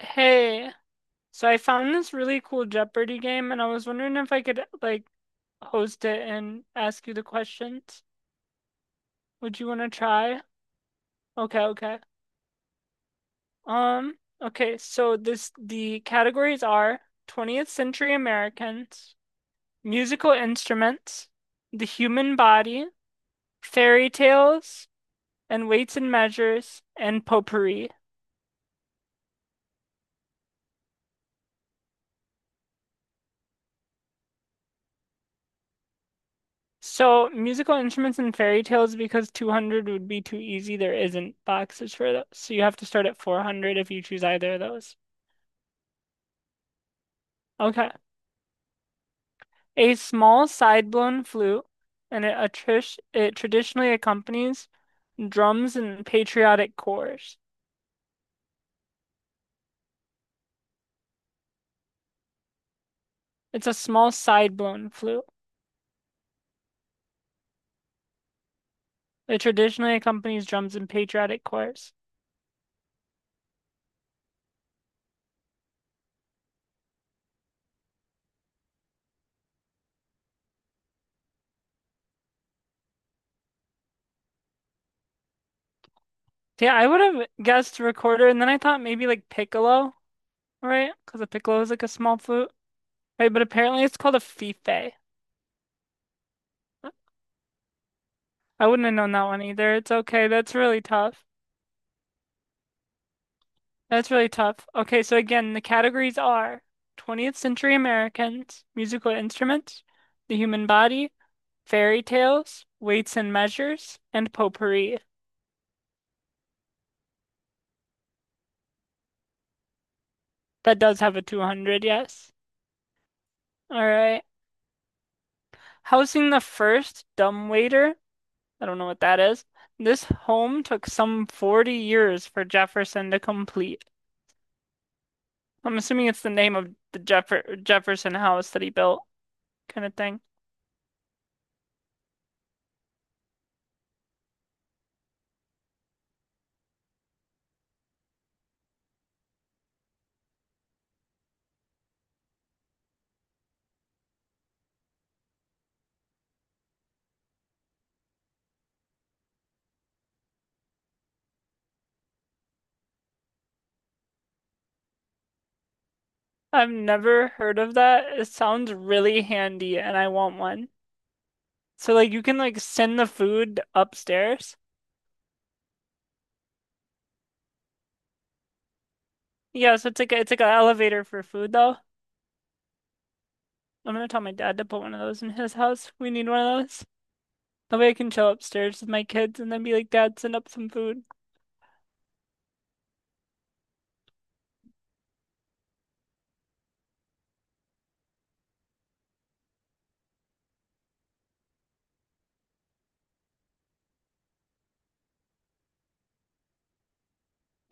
Hey, so I found this really cool Jeopardy game, and I was wondering if I could like host it and ask you the questions. Would you want to try? Okay, okay. Um, okay, so this the categories are 20th century Americans, musical instruments, the human body, fairy tales, and weights and measures, and potpourri. So, musical instruments and fairy tales, because 200 would be too easy, there isn't boxes for those. So, you have to start at 400 if you choose either of those. Okay. A small side-blown flute, and it traditionally accompanies drums and patriotic chores. It's a small side-blown flute. It traditionally accompanies drums and patriotic chores. Yeah, I would have guessed recorder, and then I thought maybe like piccolo, right? Because a piccolo is like a small flute, right? But apparently it's called a fife. I wouldn't have known that one either. It's okay. That's really tough. That's really tough. Okay, so again, the categories are 20th century Americans, musical instruments, the human body, fairy tales, weights and measures, and potpourri. That does have a 200, yes. All right. Housing the first dumb waiter. I don't know what that is. This home took some 40 years for Jefferson to complete. I'm assuming it's the name of the Jefferson house that he built, kind of thing. I've never heard of that. It sounds really handy and I want one. So like you can like send the food upstairs. Yeah, so it's like an elevator for food though. I'm gonna tell my dad to put one of those in his house. We need one of those. That way I can chill upstairs with my kids and then be like, Dad, send up some food.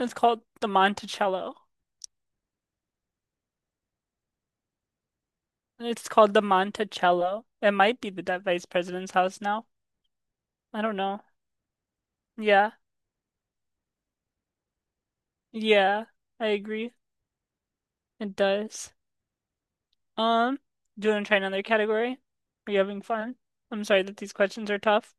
It's called the Monticello. It's called the Monticello. It might be the vice president's house now. I don't know. Yeah. Yeah. I agree. It does. Um, do you want to try another category? Are you having fun? I'm sorry that these questions are tough.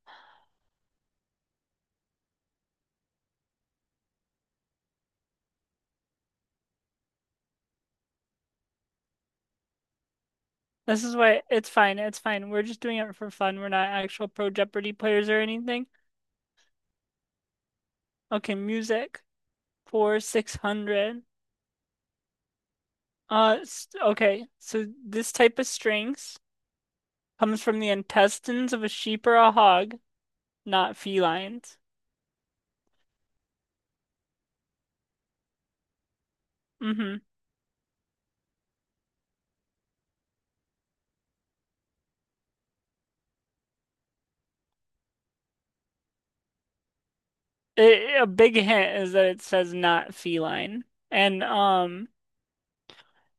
This is why it's fine. It's fine. We're just doing it for fun. We're not actual Pro Jeopardy players or anything. Okay, music for 600. Okay. So this type of strings comes from the intestines of a sheep or a hog. Not felines. Mm-hmm. A big hint is that it says not feline. And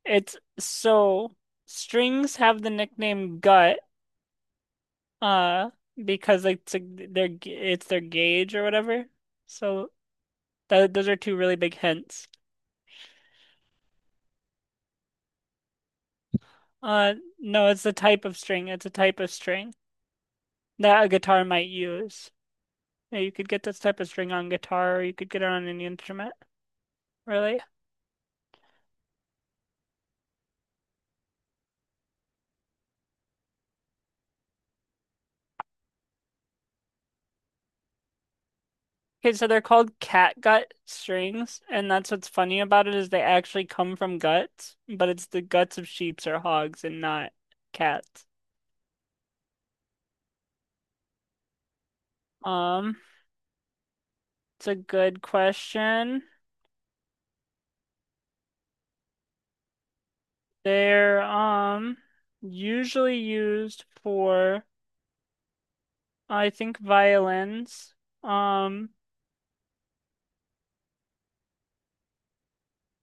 it's so strings have the nickname gut uh because it's their gauge or whatever. So those are two really big hints. No, it's a type of string. It's a type of string that a guitar might use. Yeah, you could get this type of string on guitar or you could get it on any instrument, really. Okay, so they're called cat gut strings, and that's what's funny about it is they actually come from guts, but it's the guts of sheep or hogs and not cats. Um, it's a good question. They're usually used for I think violins. Um,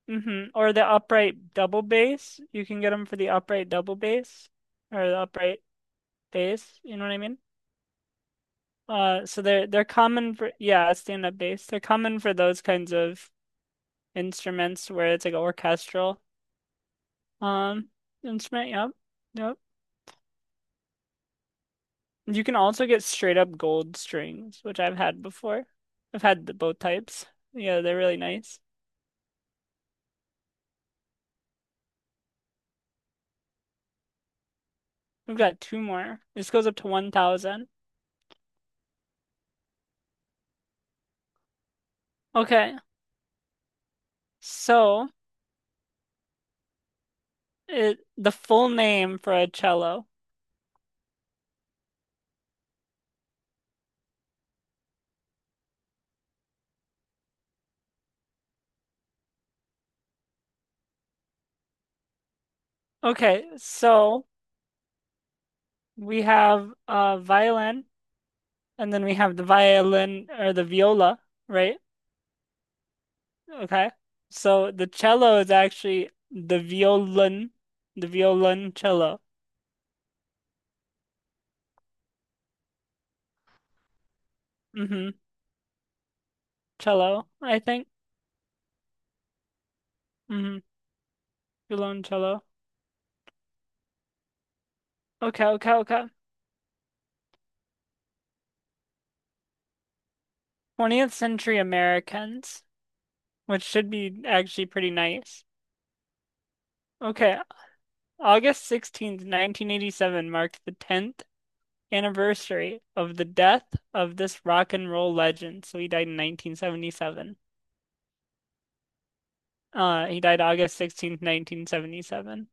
or the upright double bass. You can get them for the upright double bass or the upright bass, you know what I mean? So they're common for yeah, stand-up bass. They're common for those kinds of instruments where it's like an orchestral um instrument. Yep, yep. You can also get straight up gold strings, which I've had before. I've had the, both types. Yeah, they're really nice. We've got two more. This goes up to 1,000. Okay, so it the full name for a cello. Okay, so we have violin, and then we have the violin or the viola, right? Okay. So the cello is actually the violin, the violoncello. Mm-hmm. Cello, I think. Mm-hmm. Violoncello. Okay, okay, okay. 20th century Americans, which should be actually pretty nice. Okay, August 16th, 1987 marked the 10th anniversary of the death of this rock and roll legend. So he died in 1977. He died August 16th, 1977.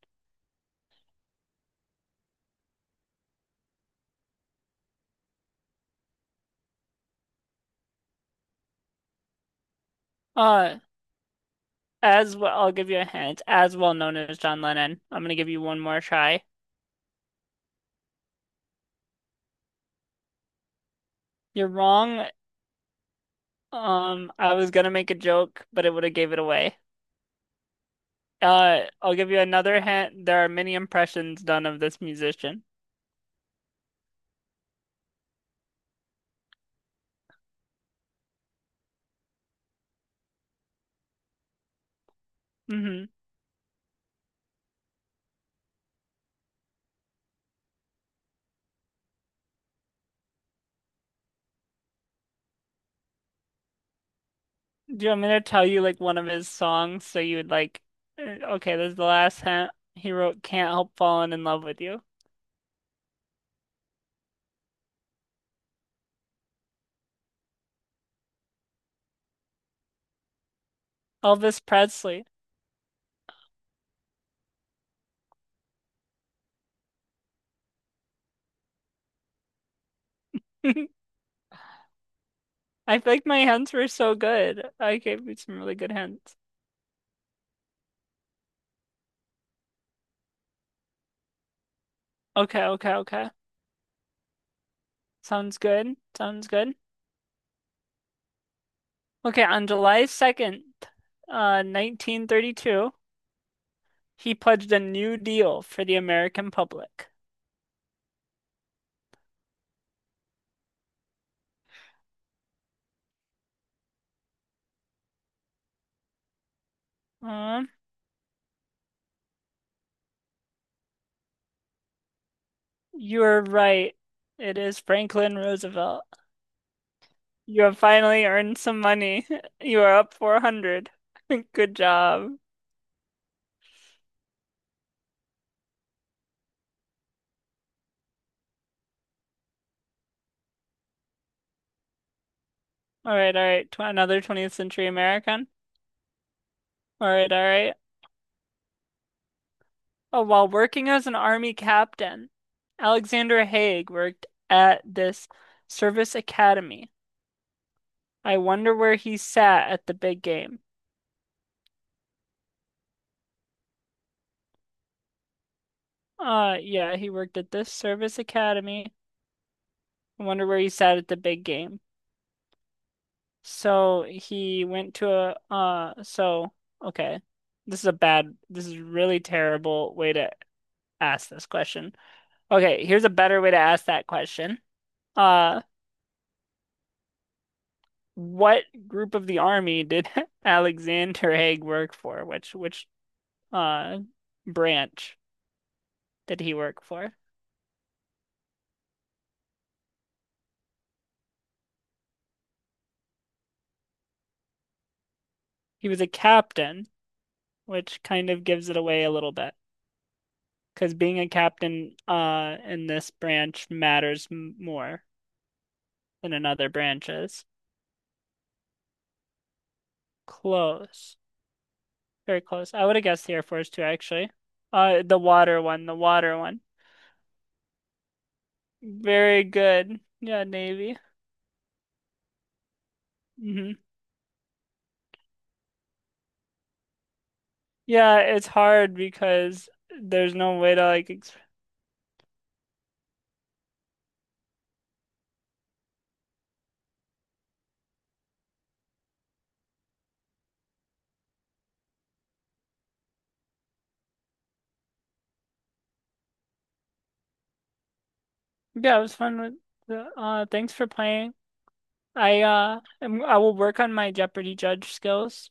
Uh, As well, I'll give you a hint. As well known as John Lennon. I'm gonna give you one more try. You're wrong. I was gonna make a joke, but it would have gave it away. I'll give you another hint. There are many impressions done of this musician. Hmm. Do you want me to tell you like one of his songs so you would like? Okay, this is the last hint. He wrote "Can't Help Falling in Love with You." Elvis Presley. I feel like my hints were so good. I gave you some really good hints. Okay, okay, okay. Sounds good. Sounds good. Okay, on July 2nd, 1932, he pledged a New Deal for the American public. Uh, you're right. It is Franklin Roosevelt. You have finally earned some money. You are up 400. Good job. All right, all right. Tw another 20th century American. All right, all right. Oh, while working as an army captain, Alexander Haig worked at this service academy. I wonder where he sat at the big game. Yeah, he worked at this service academy. I wonder where he sat at the big game. So he went to a so okay. This is a really terrible way to ask this question. Okay, here's a better way to ask that question. Uh, what group of the army did Alexander Haig work for? Which uh branch did he work for? He was a captain, which kind of gives it away a little bit. Because being a captain in this branch matters m more than in other branches. Close. Very close. I would have guessed the Air Force too, actually. The water one, the water one. Very good. Yeah, Navy. Hmm. Yeah, it's hard because there's no way to like. Ex yeah, it was fun with Thanks for playing. I will work on my Jeopardy judge skills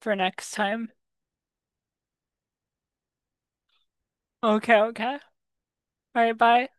for next time. Okay, okay. All right, bye.